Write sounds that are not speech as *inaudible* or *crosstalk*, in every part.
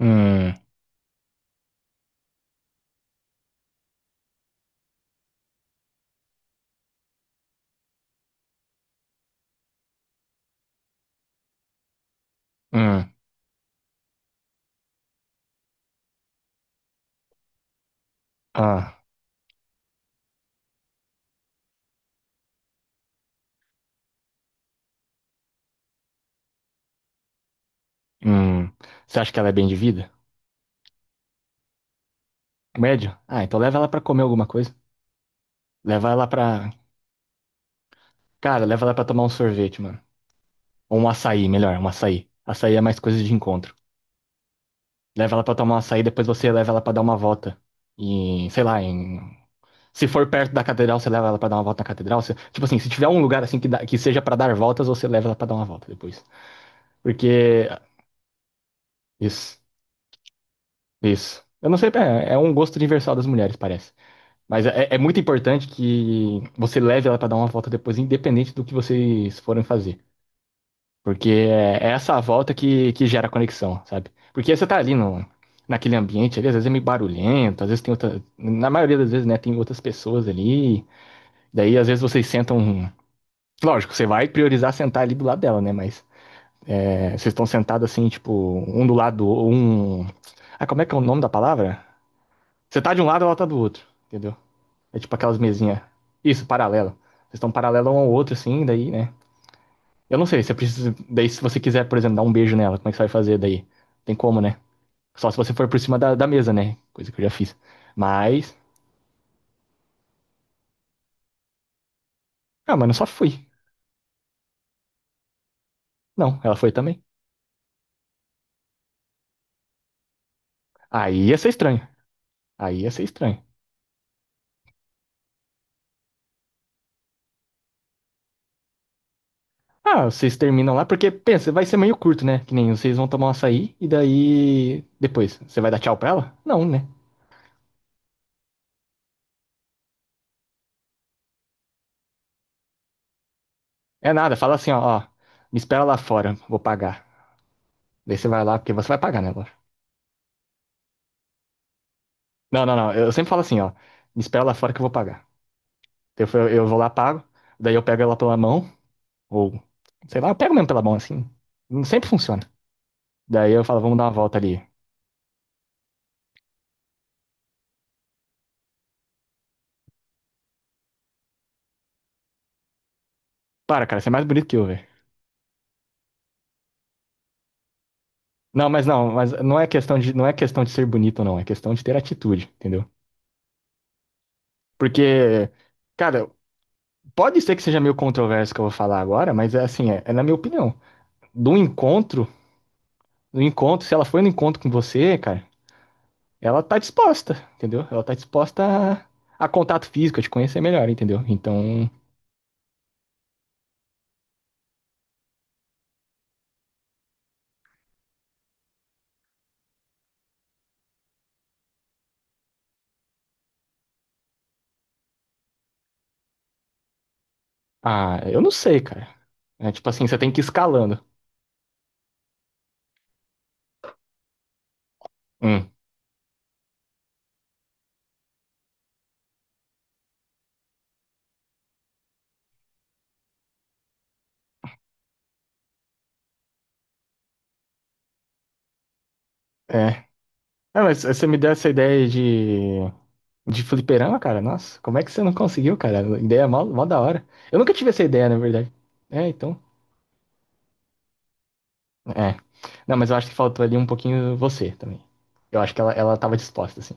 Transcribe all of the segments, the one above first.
Hum, hum, ah, hum. Você acha que ela é bem de vida? Médio? Ah, então leva ela pra comer alguma coisa. Leva ela pra. Cara, leva ela pra tomar um sorvete, mano. Ou um açaí, melhor, um açaí. Açaí é mais coisa de encontro. Leva ela pra tomar um açaí, depois você leva ela pra dar uma volta. Em sei lá, em. Se for perto da catedral, você leva ela pra dar uma volta na catedral. Tipo assim, se tiver um lugar assim que, que seja pra dar voltas, você leva ela pra dar uma volta depois. Porque. Isso, isso. Eu não sei, é um gosto universal das mulheres, parece. Mas é muito importante que você leve ela para dar uma volta depois, independente do que vocês forem fazer. Porque é essa volta que gera conexão, sabe? Porque você tá ali no, naquele ambiente ali, às vezes é meio barulhento, às vezes tem outra. Na maioria das vezes, né, tem outras pessoas ali. Daí, às vezes, vocês sentam. Lógico, você vai priorizar sentar ali do lado dela, né? Mas é, vocês estão sentados assim, tipo, um do lado, um. Ah, como é que é o nome da palavra? Você tá de um lado, ela tá do outro, entendeu? É tipo aquelas mesinhas. Isso, paralela. Vocês estão paralelo um ao outro, assim, daí, né? Eu não sei, você precisa. Daí, se você quiser, por exemplo, dar um beijo nela, como é que você vai fazer daí? Tem como, né? Só se você for por cima da, da mesa, né? Coisa que eu já fiz. Mas. Ah, mas não só fui. Não, ela foi também. Aí ia ser estranho. Aí ia ser estranho. Ah, vocês terminam lá, porque pensa, vai ser meio curto, né? Que nem vocês vão tomar um açaí e daí. Depois, você vai dar tchau pra ela? Não, né? É nada, fala assim, ó, ó, me espera lá fora, vou pagar. Daí você vai lá, porque você vai pagar, né, lógico. Não, não, não. Eu sempre falo assim, ó. Me espera lá fora que eu vou pagar. Eu vou lá, pago. Daí eu pego ela pela mão. Ou, sei lá, eu pego mesmo pela mão assim. Não sempre funciona. Daí eu falo, vamos dar uma volta ali. Para, cara, você é mais bonito que eu, velho. Não, mas não, mas não é questão de, não é questão de ser bonito, não. É questão de ter atitude, entendeu? Porque, cara, pode ser que seja meio controverso o que eu vou falar agora, mas é assim, é, é na minha opinião. Do encontro, do encontro, se ela foi no encontro com você, cara. Ela tá disposta, entendeu? Ela tá disposta a contato físico, a te conhecer melhor, entendeu? Então, ah, eu não sei, cara. É tipo assim, você tem que ir escalando. Hum, é. Ah, mas você me deu essa ideia de fliperama, cara? Nossa, como é que você não conseguiu, cara? A ideia é mó, mó da hora. Eu nunca tive essa ideia, na verdade. É, então. É. Não, mas eu acho que faltou ali um pouquinho você também. Eu acho que ela tava disposta, assim.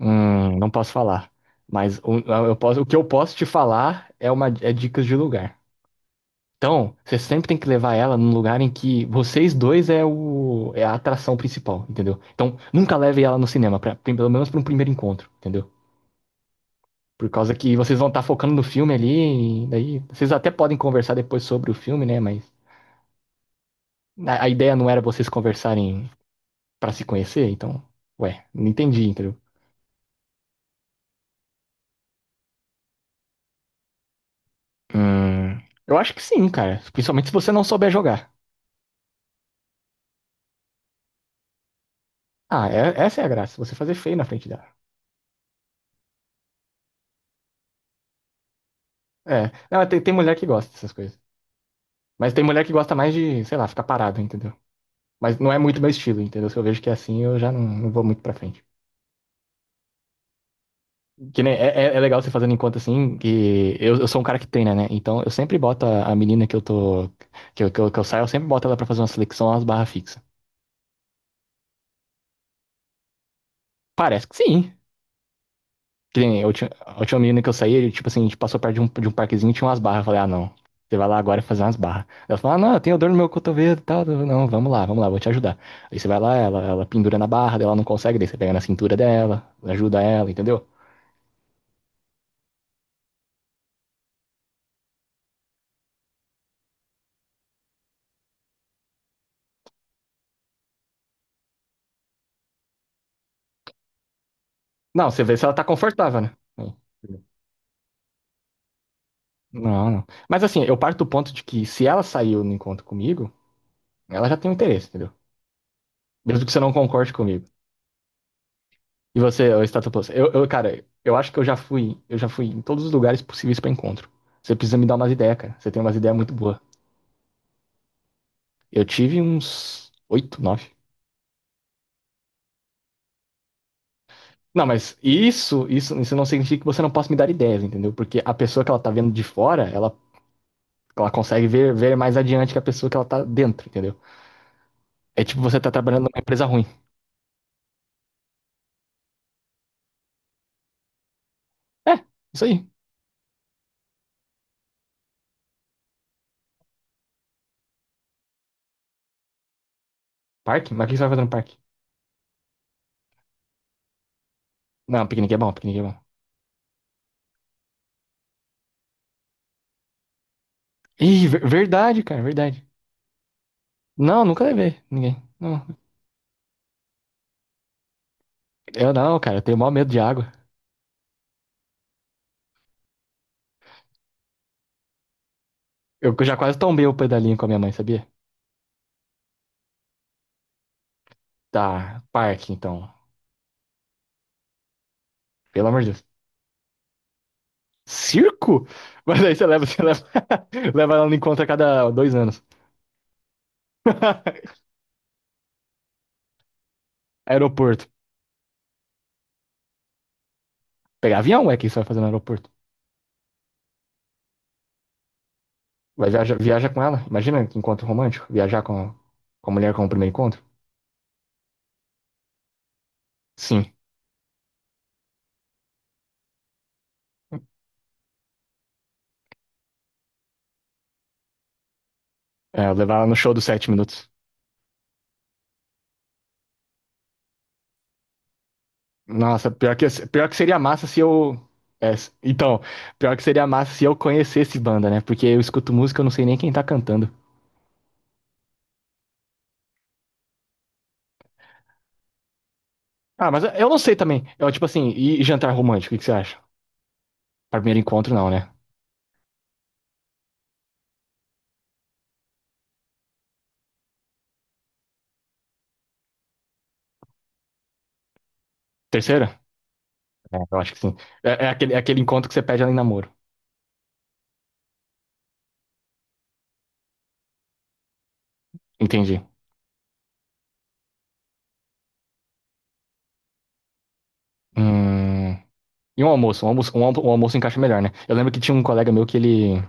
Não posso falar. Mas o que eu posso te falar é, é dicas de lugar. Então, você sempre tem que levar ela num lugar em que vocês dois é o é a atração principal, entendeu? Então, nunca leve ela no cinema, pra, pelo menos para um primeiro encontro, entendeu? Por causa que vocês vão estar focando no filme ali, e daí vocês até podem conversar depois sobre o filme, né? Mas a ideia não era vocês conversarem para se conhecer, então, ué, não entendi, entendeu? Hum, eu acho que sim, cara. Principalmente se você não souber jogar. Ah, essa é a graça, você fazer feio na frente dela. É, não, tem, tem mulher que gosta dessas coisas. Mas tem mulher que gosta mais de, sei lá, ficar parado, entendeu? Mas não é muito meu estilo, entendeu? Se eu vejo que é assim, eu já não, não vou muito pra frente. Que nem, é legal você fazendo em conta assim, que eu sou um cara que treina, né? Então eu sempre boto a menina que eu tô. Que eu saio, eu sempre boto ela pra fazer uma seleção, umas barras fixas. Parece que sim. Que nem a última menina que eu saí, tipo assim, a gente passou perto de um parquezinho e tinha umas barras. Eu falei, ah, não. Você vai lá agora fazer umas barras. Ela falou, ah, não, eu tenho dor no meu cotovelo e tal. Eu, Não, vamos lá, vou te ajudar. Aí você vai lá, ela pendura na barra, daí ela não consegue, daí você pega na cintura dela, ajuda ela, entendeu? Não, você vê se ela tá confortável, né? Não, não. Mas assim, eu parto do ponto de que se ela saiu no encontro comigo, ela já tem um interesse, entendeu? Mesmo que você não concorde comigo. E você, o Stata Plus? Eu, cara, eu acho que eu já fui em todos os lugares possíveis pra encontro. Você precisa me dar umas ideias, cara. Você tem umas ideias muito boas. Eu tive uns oito, nove. Não, mas isso não significa que você não possa me dar ideias, entendeu? Porque a pessoa que ela tá vendo de fora, ela consegue ver mais adiante que a pessoa que ela tá dentro, entendeu? É tipo você tá trabalhando numa empresa ruim. É, isso aí. Parque? Mas o que você vai fazer no parque? Não, piquenique é bom, piquenique é bom. Ih, verdade, cara, verdade. Não, nunca levei ninguém. Não. Eu não, cara, eu tenho maior medo de água. Eu já quase tombei o pedalinho com a minha mãe, sabia? Tá, parque, então. Pelo amor de Deus. Circo? *laughs* Mas aí *laughs* leva ela no encontro a cada 2 anos. *laughs* Aeroporto. Pegar avião, é que você vai fazer no aeroporto. Vai viajar, viaja com ela. Imagina que encontro romântico. Viajar com a mulher como primeiro encontro. Sim. É, levar ela no show dos 7 minutos. Nossa, pior que seria massa se eu. É, então, pior que seria massa se eu conhecesse banda, né? Porque eu escuto música, eu não sei nem quem tá cantando. Ah, mas eu não sei também. Eu, tipo assim, e jantar romântico, o que que você acha? Pra primeiro encontro, não, né? Terceiro? É, eu acho que sim. É aquele encontro que você pede ela em namoro. Entendi. Hum, e um almoço? Um almoço encaixa melhor, né? Eu lembro que tinha um colega meu que ele.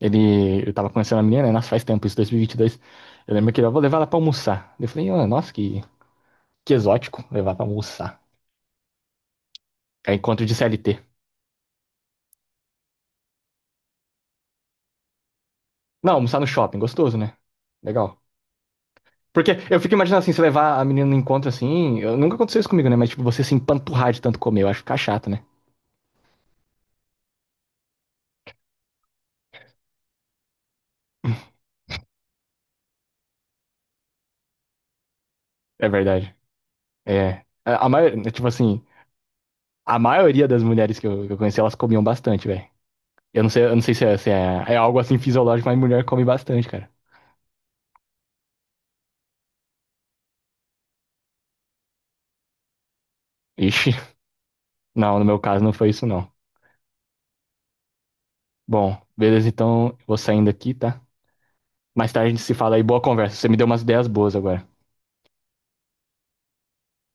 Eu tava conhecendo a menina, né? Nossa, faz tempo, isso, 2022. Eu lembro que ele, eu vou levar ela pra almoçar. Eu falei, ah, nossa, Que exótico levar pra almoçar. É encontro de CLT. Não, almoçar no shopping, gostoso, né? Legal. Porque eu fico imaginando assim, se levar a menina no encontro assim. Nunca aconteceu isso comigo, né? Mas, tipo, você se empanturrar de tanto comer, eu acho que fica chato, né? É verdade. É. A maioria, tipo assim, a maioria das mulheres que eu conheci, elas comiam bastante, velho. Eu não sei se, é, se é algo assim fisiológico, mas mulher come bastante, cara. Ixi, não, no meu caso não foi isso, não. Bom, beleza, então vou saindo aqui, tá? Mais tarde a gente se fala aí, boa conversa. Você me deu umas ideias boas agora.